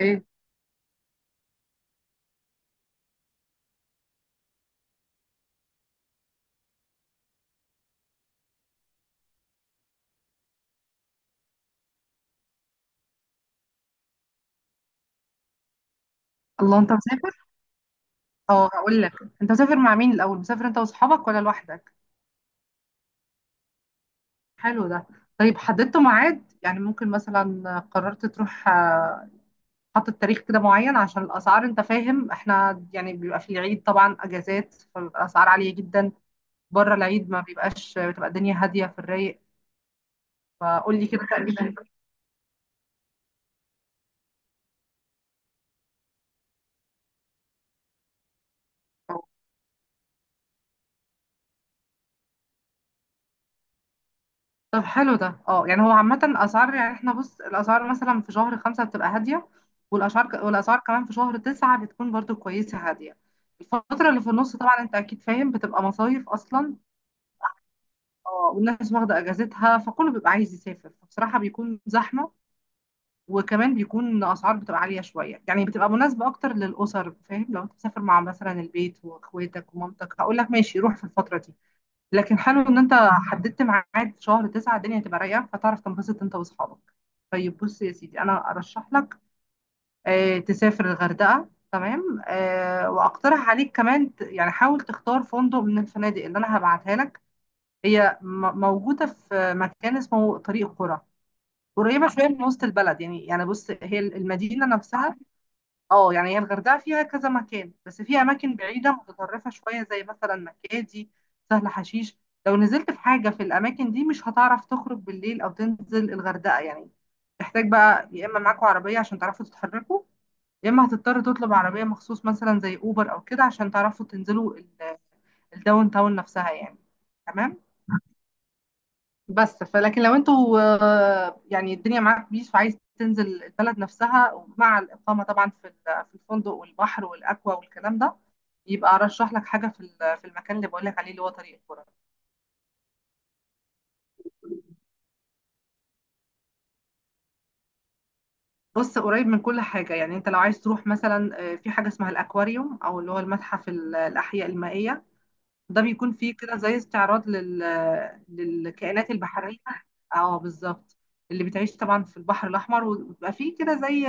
ايه. الله، انت مسافر؟ اه هقول لك. انت مسافر مع مين الاول؟ مسافر انت واصحابك ولا لوحدك؟ حلو ده. طيب حددتوا ميعاد؟ يعني ممكن مثلا قررت تروح، حاطط تاريخ كده معين عشان الاسعار، انت فاهم، احنا يعني بيبقى في العيد طبعا اجازات، فالاسعار عالية جدا. بره العيد ما بيبقاش، بتبقى الدنيا هادية في الرايق. فقول لي كده تقريبا. طب حلو ده. اه يعني هو عامة الأسعار، يعني احنا بص الأسعار مثلا في شهر خمسة بتبقى هادية، والأسعار كمان في شهر تسعة بتكون برضو كويسة هادية. الفترة اللي في النص طبعا انت أكيد فاهم بتبقى مصايف أصلا. اه والناس واخدة أجازتها، فكله بيبقى عايز يسافر فبصراحة بيكون زحمة. وكمان بيكون أسعار بتبقى عالية شوية، يعني بتبقى مناسبة أكتر للأسر، فاهم؟ لو أنت مسافر مع مثلا البيت وأخواتك ومامتك هقول لك ماشي روح في الفترة دي. لكن حلو ان انت حددت ميعاد شهر تسعة، الدنيا هتبقى رايقه فتعرف تنبسط انت واصحابك. طيب بص يا سيدي، انا ارشح لك، تسافر الغردقه. تمام، واقترح عليك كمان يعني حاول تختار فندق من الفنادق اللي انا هبعتها لك. هي موجوده في مكان اسمه طريق قرى، قريبه شويه من وسط البلد يعني، يعني بص هي المدينه نفسها. اه يعني هي الغردقة فيها كذا مكان، بس في أماكن بعيدة متطرفة شوية زي مثلا مكادي، سهل حشيش. لو نزلت في حاجة في الأماكن دي مش هتعرف تخرج بالليل أو تنزل الغردقة يعني. تحتاج بقى يا إما معاكوا عربية عشان تعرفوا تتحركوا، يا إما هتضطر تطلب عربية مخصوص مثلا زي أوبر أو كده عشان تعرفوا تنزلوا الداون تاون نفسها يعني. تمام. بس فلكن لو انتوا، يعني الدنيا معاك بيس وعايز تنزل البلد نفسها مع الإقامة طبعا في في الفندق والبحر والأكوا والكلام ده، يبقى أرشح لك حاجة في في المكان اللي بقول لك عليه اللي هو طريق الكرة. بص قريب من كل حاجة. يعني انت لو عايز تروح مثلا، في حاجة اسمها الأكواريوم، أو اللي هو المتحف الأحياء المائية. ده بيكون فيه كده زي استعراض للكائنات البحرية. اه بالظبط. اللي بتعيش طبعا في البحر الأحمر، وبيبقى فيه كده زي،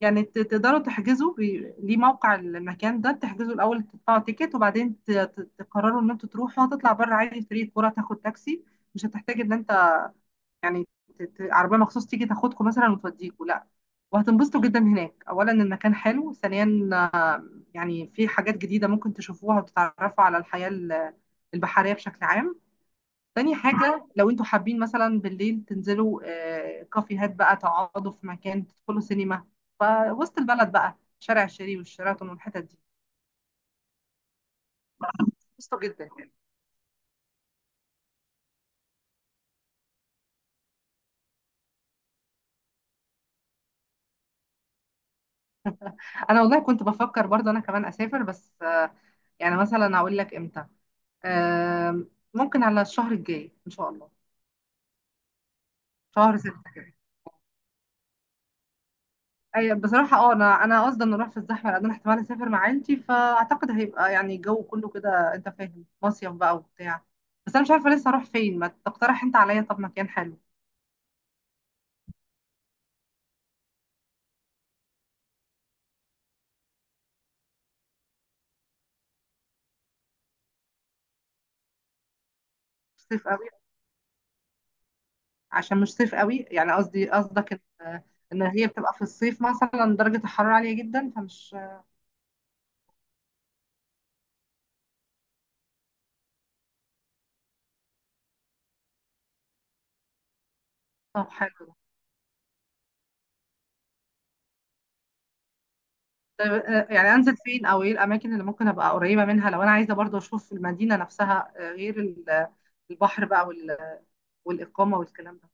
يعني تقدروا تحجزوا ليه موقع المكان ده، بتحجزوا الاول تدفعوا تيكت وبعدين تقرروا ان انتوا تروحوا. هتطلع بره عادي فريق الكوره تاخد تاكسي، مش هتحتاج ان انت يعني عربيه مخصوص تيجي تاخدكم مثلا وتوديكوا، لا. وهتنبسطوا جدا هناك. اولا المكان حلو، ثانيا يعني في حاجات جديده ممكن تشوفوها وتتعرفوا على الحياه البحريه بشكل عام. تاني حاجة، لو انتوا حابين مثلا بالليل تنزلوا كافيهات بقى، تقعدوا في مكان، تدخلوا سينما، فوسط البلد بقى شارع الشريف والشيراتون والحتت دي. قشطة جدا. انا والله كنت بفكر برضه انا كمان اسافر، بس يعني مثلا اقول لك امتى، ممكن على الشهر الجاي ان شاء الله. شهر ستة كده. أي بصراحة اه، انا قصدي ان اروح في الزحمة لان انا احتمال اسافر مع عيلتي، فاعتقد هيبقى يعني الجو كله كده، انت فاهم، مصيف بقى وبتاع. بس انا مش عارفة لسه اروح فين، ما تقترح انت عليا طب مكان حلو. مش صيف قوي. عشان مش صيف قوي، يعني قصدي قصدك ان، ان هي بتبقى في الصيف مثلا درجة الحرارة عالية جدا فمش. طب حلو ده. طيب يعني انزل فين او ايه الاماكن اللي ممكن ابقى قريبة منها، لو انا عايزة برضو اشوف المدينة نفسها، غير البحر بقى والاقامة والكلام ده.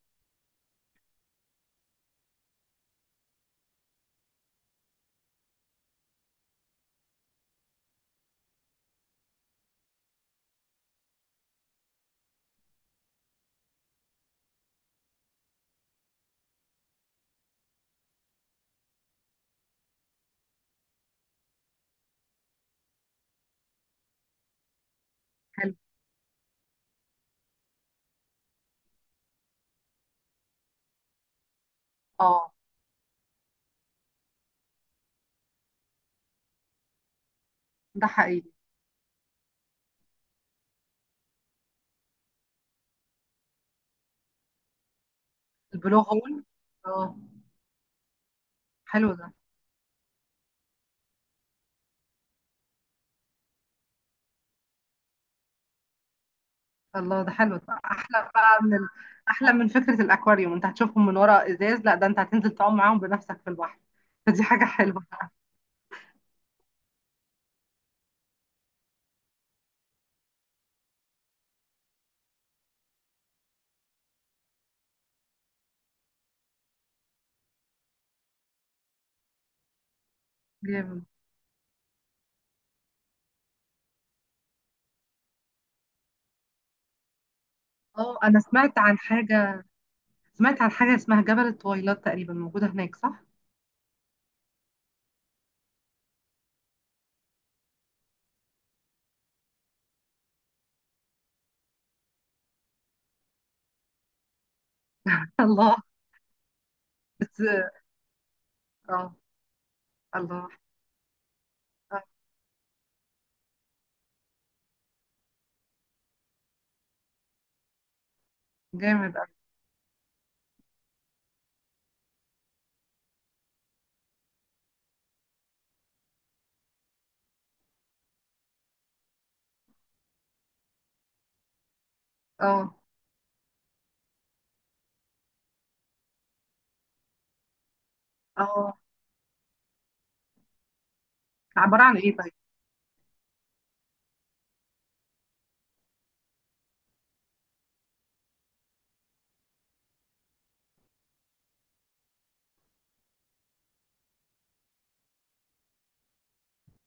حلو. اه، ده حقيقي. البلو هول. اه. حلو ده. الله، ده حلو، ده احلى من فكره الاكواريوم، انت هتشوفهم من ورا ازاز، لا ده انت هتنزل تعوم معاهم بنفسك في البحر. فدي حاجه حلوه جامد. اه انا سمعت عن حاجه، سمعت عن حاجه اسمها جبل التويلات تقريبا، موجوده هناك صح؟ الله. بس. اه. الله. آه، جامد أوي. اه، اه، عباره عن ايه طيب؟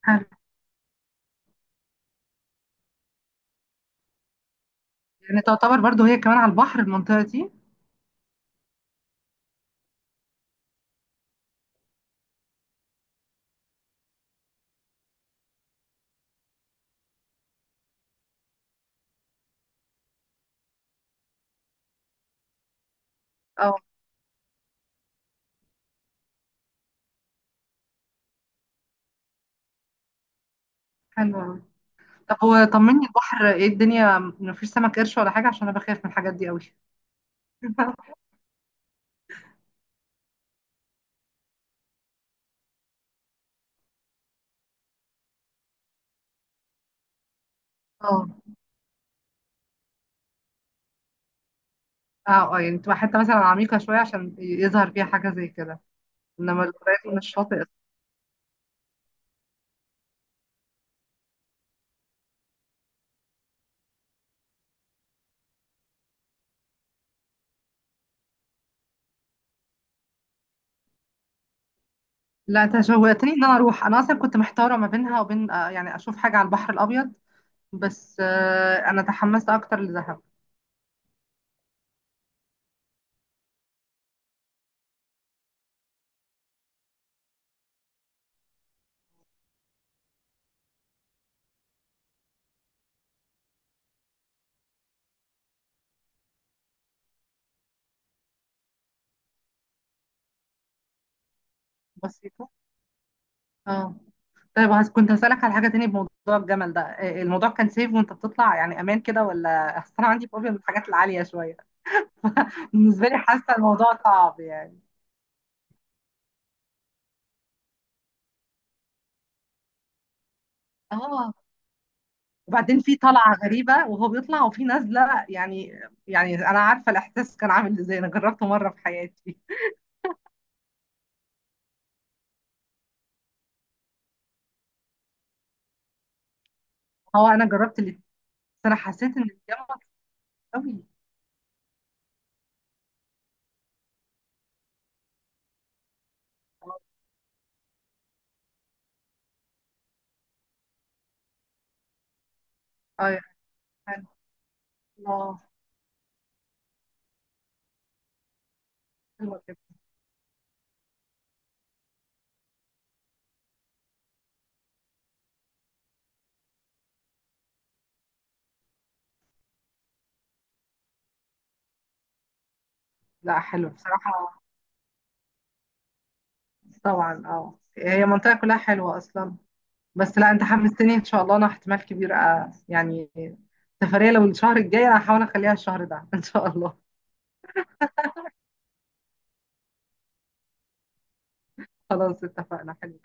حلو. يعني تعتبر برضو هي كمان على البحر المنطقه دي. اه، حلوه أوي. طب هو طمني، البحر ايه الدنيا؟ مفيش سمك قرش ولا حاجة؟ عشان انا بخاف من الحاجات دي قوي. اه. اه، اه، يعني تبقى حتة مثلا عميقة شوية عشان يظهر فيها حاجة زي كده، انما القريب من الشاطئ. لا انت شوقتني ان انا اروح، انا اصلا كنت محتارة ما بينها وبين، يعني اشوف حاجة على البحر الابيض، بس انا تحمست اكتر لدهب. بسيطة. اه. طيب كنت هسألك على حاجة تاني بموضوع الجمل ده، الموضوع كان سيف وانت بتطلع، يعني امان كده ولا؟ اصل انا عندي فوبيا من الحاجات العالية شوية، بالنسبة لي حاسة الموضوع صعب يعني. اه وبعدين في طلعة غريبة وهو بيطلع وفي نازلة، يعني أنا عارفة الإحساس كان عامل إزاي، أنا جربته مرة في حياتي. هو أنا جربت اللي، أنا حسيت إن الجامعة قوي. اه يا. حلو. الله. حلوة جدا. لا حلو بصراحة. طبعا اه، هي منطقة كلها حلوة أصلا. بس لا، أنت حمستني إن شاء الله، أنا احتمال كبير يعني سفرية لو الشهر الجاي، أنا هحاول أخليها الشهر ده إن شاء الله. خلاص اتفقنا. حلو.